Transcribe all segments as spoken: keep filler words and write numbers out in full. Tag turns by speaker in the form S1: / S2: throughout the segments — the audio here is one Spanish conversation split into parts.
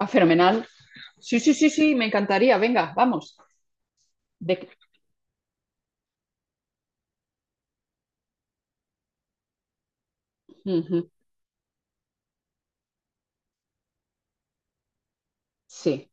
S1: Ah, fenomenal. Sí, sí, sí, sí, me encantaría. Venga, vamos. De- Ujú, sí,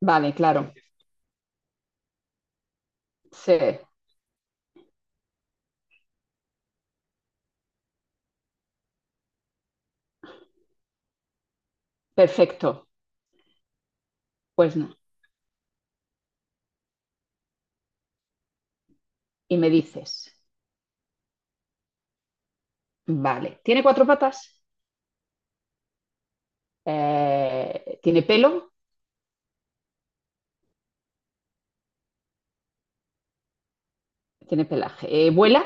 S1: vale, claro. Sí, perfecto. Pues no. Y me dices, vale, ¿tiene cuatro patas? Eh, ¿tiene pelo? Tiene pelaje. Eh, ¿vuela?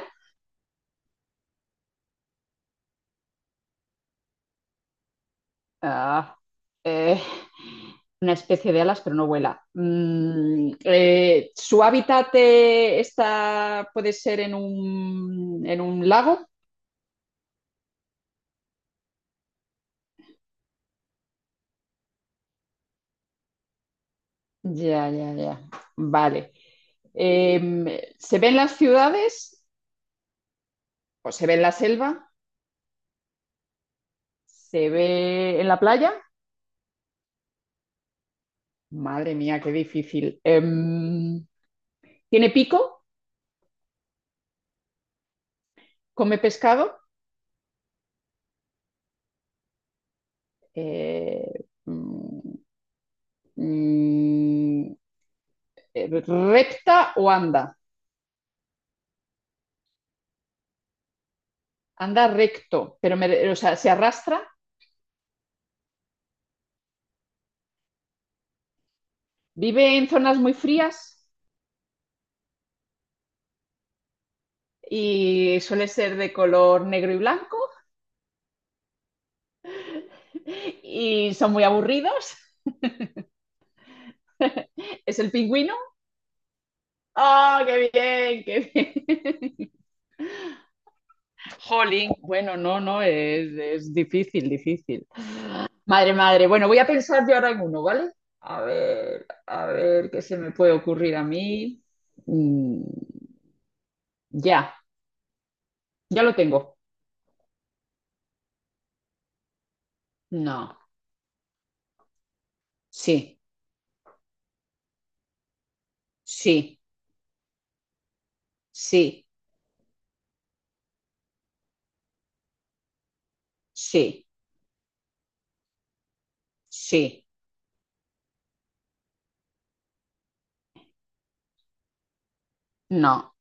S1: Ah, eh, una especie de alas, pero no vuela. Mm, eh, ¿su hábitat eh, está, puede ser en un, en un lago? Ya, ya, ya. Vale. Em, ¿se ven las ciudades? ¿O se ve en la selva? ¿Se ve en la playa? Madre mía, qué difícil. Em, ¿tiene pico? ¿Come pescado? Eh, mm, mm, eh, ¿recta o anda? Anda recto, pero me- o sea, se arrastra. ¿Vive en zonas muy frías? Y suele ser de color negro y blanco. Y son muy aburridos. ¿Es el pingüino? ¡Oh, qué bien, qué bien! Jolín. Bueno, no, no, es, es difícil, difícil. Madre, madre. Bueno, voy a pensar yo ahora en uno, ¿vale? A ver, a ver qué se me puede ocurrir a mí. Mm, ya, ya lo tengo. No, sí, sí, sí, sí, sí, no,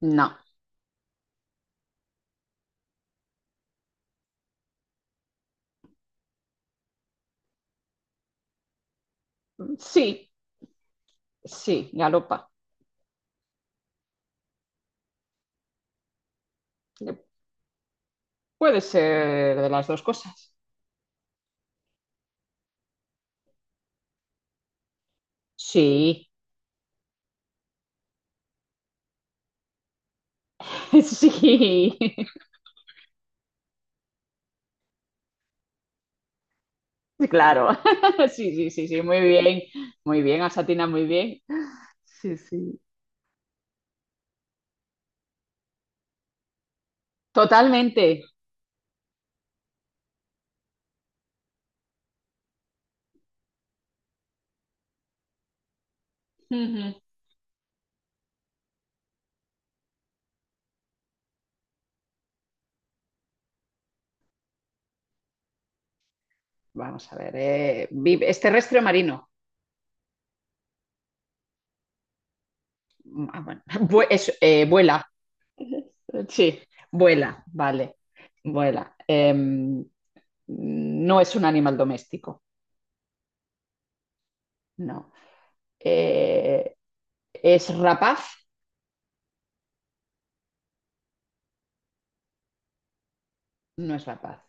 S1: no, sí, sí, galopa. Puede ser de las dos cosas. Sí, sí. Claro, sí, sí, sí, sí, muy bien, muy bien, has atinado muy bien. Sí, sí, totalmente. Ujú. Vamos a ver, eh, vive- es terrestre o marino. Ah, bueno. Vue- es, eh, vuela, sí, vuela, vale, vuela. Em, no es un animal doméstico, no. Eh, ¿es rapaz? No es rapaz.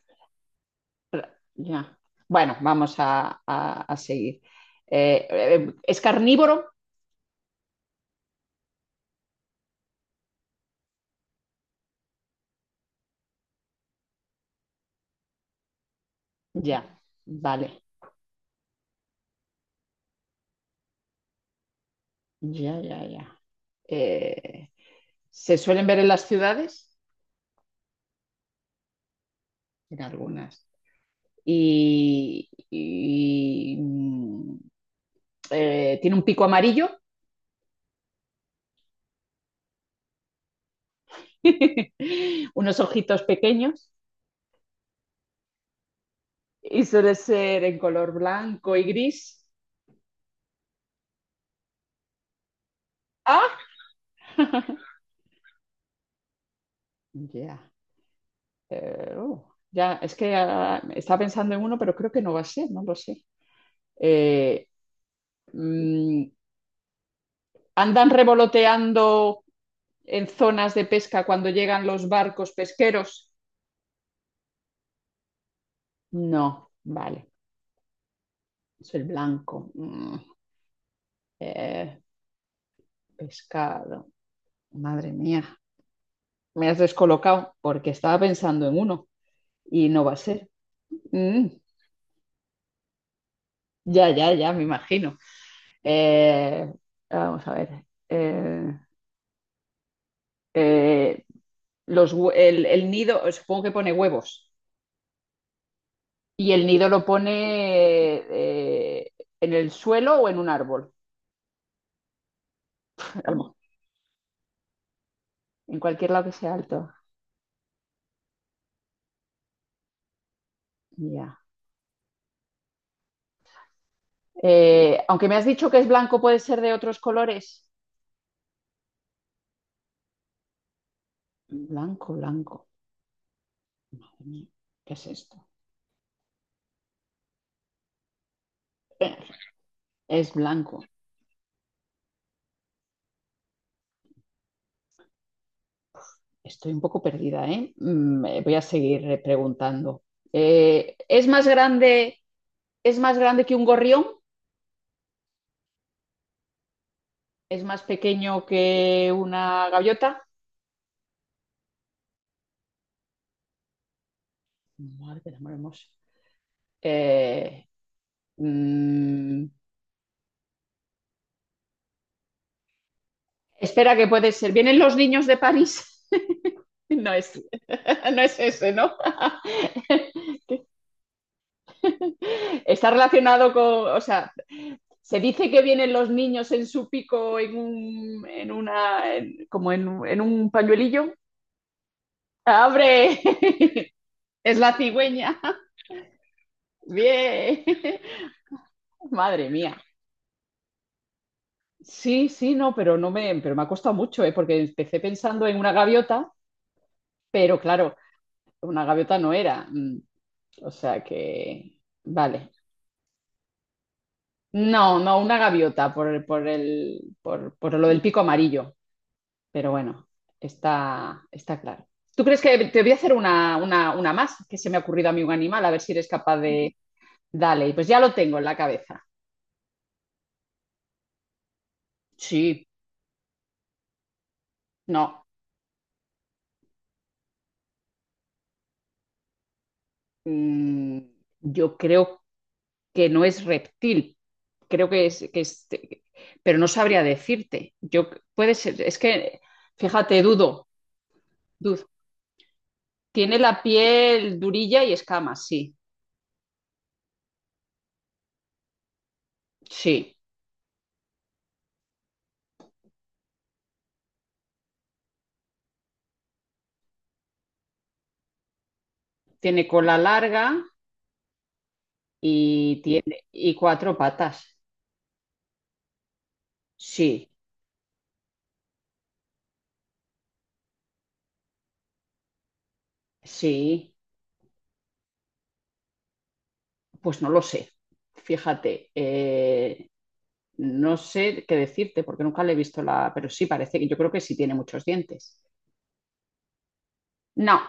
S1: Ra- ya. Bueno, vamos a, a- a seguir. Eh, eh, ¿es carnívoro? Ya, vale. Ya, ya, ya. Eh, se suelen ver en las ciudades, en algunas. Y, y, mm, eh, tiene un pico amarillo, unos ojitos pequeños y suele ser en color blanco y gris. ¡Ah! Ya. Eh, uh, ya, es que ah, estaba pensando en uno, pero creo que no va a ser, no lo sé. Eh, mm, ¿andan revoloteando en zonas de pesca cuando llegan los barcos pesqueros? No, vale, es el blanco. Mm, eh, pescado, madre mía, me has descolocado porque estaba pensando en uno y no va a ser. Mm, ya, ya, ya, me imagino. Eh, vamos a ver. eh, eh, los, hue- el, el nido, supongo que pone huevos, y el nido lo pone eh, en el suelo o en un árbol. Calmo. En cualquier lado que sea alto. Ya. Eh, aunque me has dicho que es blanco, ¿puede ser de otros colores? Blanco, blanco. Madre mía, ¿qué es esto? Es blanco. Estoy un poco perdida, ¿eh? Mm, eh, Voy a seguir eh, preguntando. Eh, ¿es más grande, ¿es más grande que un gorrión? ¿Es más pequeño que una gaviota? Madre del amor hermoso. Eh, mm, espera que puede ser. ¿Vienen los niños de París? No es, no es ese, ¿no? Está relacionado con, o sea, se dice que vienen los niños en su pico en un, en una, en- como en, un- en un pañuelillo. ¡Abre! Es la cigüeña. Bien. Madre mía. Sí, sí, no, pero no me, pero me ha costado mucho, ¿eh? Porque empecé pensando en una gaviota, pero claro, una gaviota no era. Mm, o sea que, vale. No, no, una gaviota por, el- por, el, por, por lo del pico amarillo. Pero bueno, está, está claro. ¿Tú crees que te voy a hacer una, una, una más que se me ha ocurrido a mí un animal? A ver si eres capaz de... Dale, pues ya lo tengo en la cabeza. Sí, no. mm, yo creo que no es reptil. Creo que es, que es- Pero no sabría decirte. Yo, puede ser... Es que, fíjate, dudo. Dudo. Tiene la piel durilla y escamas, sí. Sí. Tiene cola larga y tiene y cuatro patas. Sí, sí, pues no lo sé. Fíjate, eh, no sé qué decirte porque nunca le he visto la, pero sí parece que yo creo que sí tiene muchos dientes. No,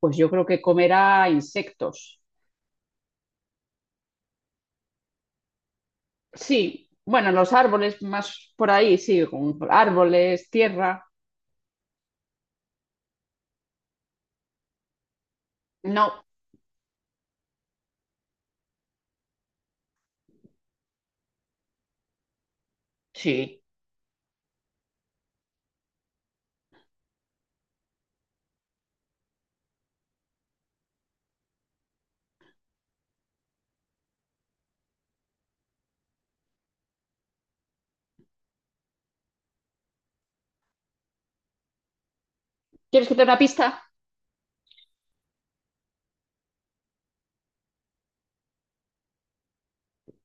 S1: pues yo creo que comerá insectos. Sí, bueno, en los árboles más por ahí, sí, con árboles, tierra. No, sí. ¿Quieres que te dé una pista?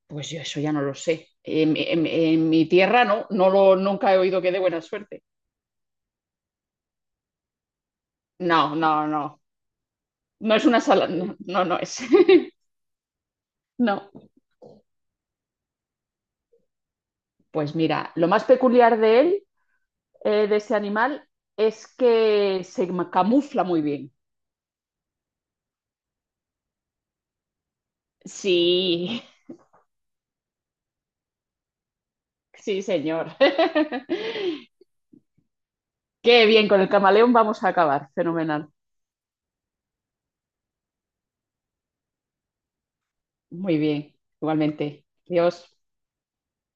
S1: Pues yo eso ya no lo sé. En, en- en mi tierra no, no lo, nunca he oído que dé buena suerte. No, no, no. No es una sala, no, no, no es. No. Pues mira, lo más peculiar de él, eh, de ese animal, es que se ma- camufla muy bien. Sí, sí, señor. Qué bien, con el camaleón vamos a acabar. Fenomenal. Muy bien, igualmente. Dios.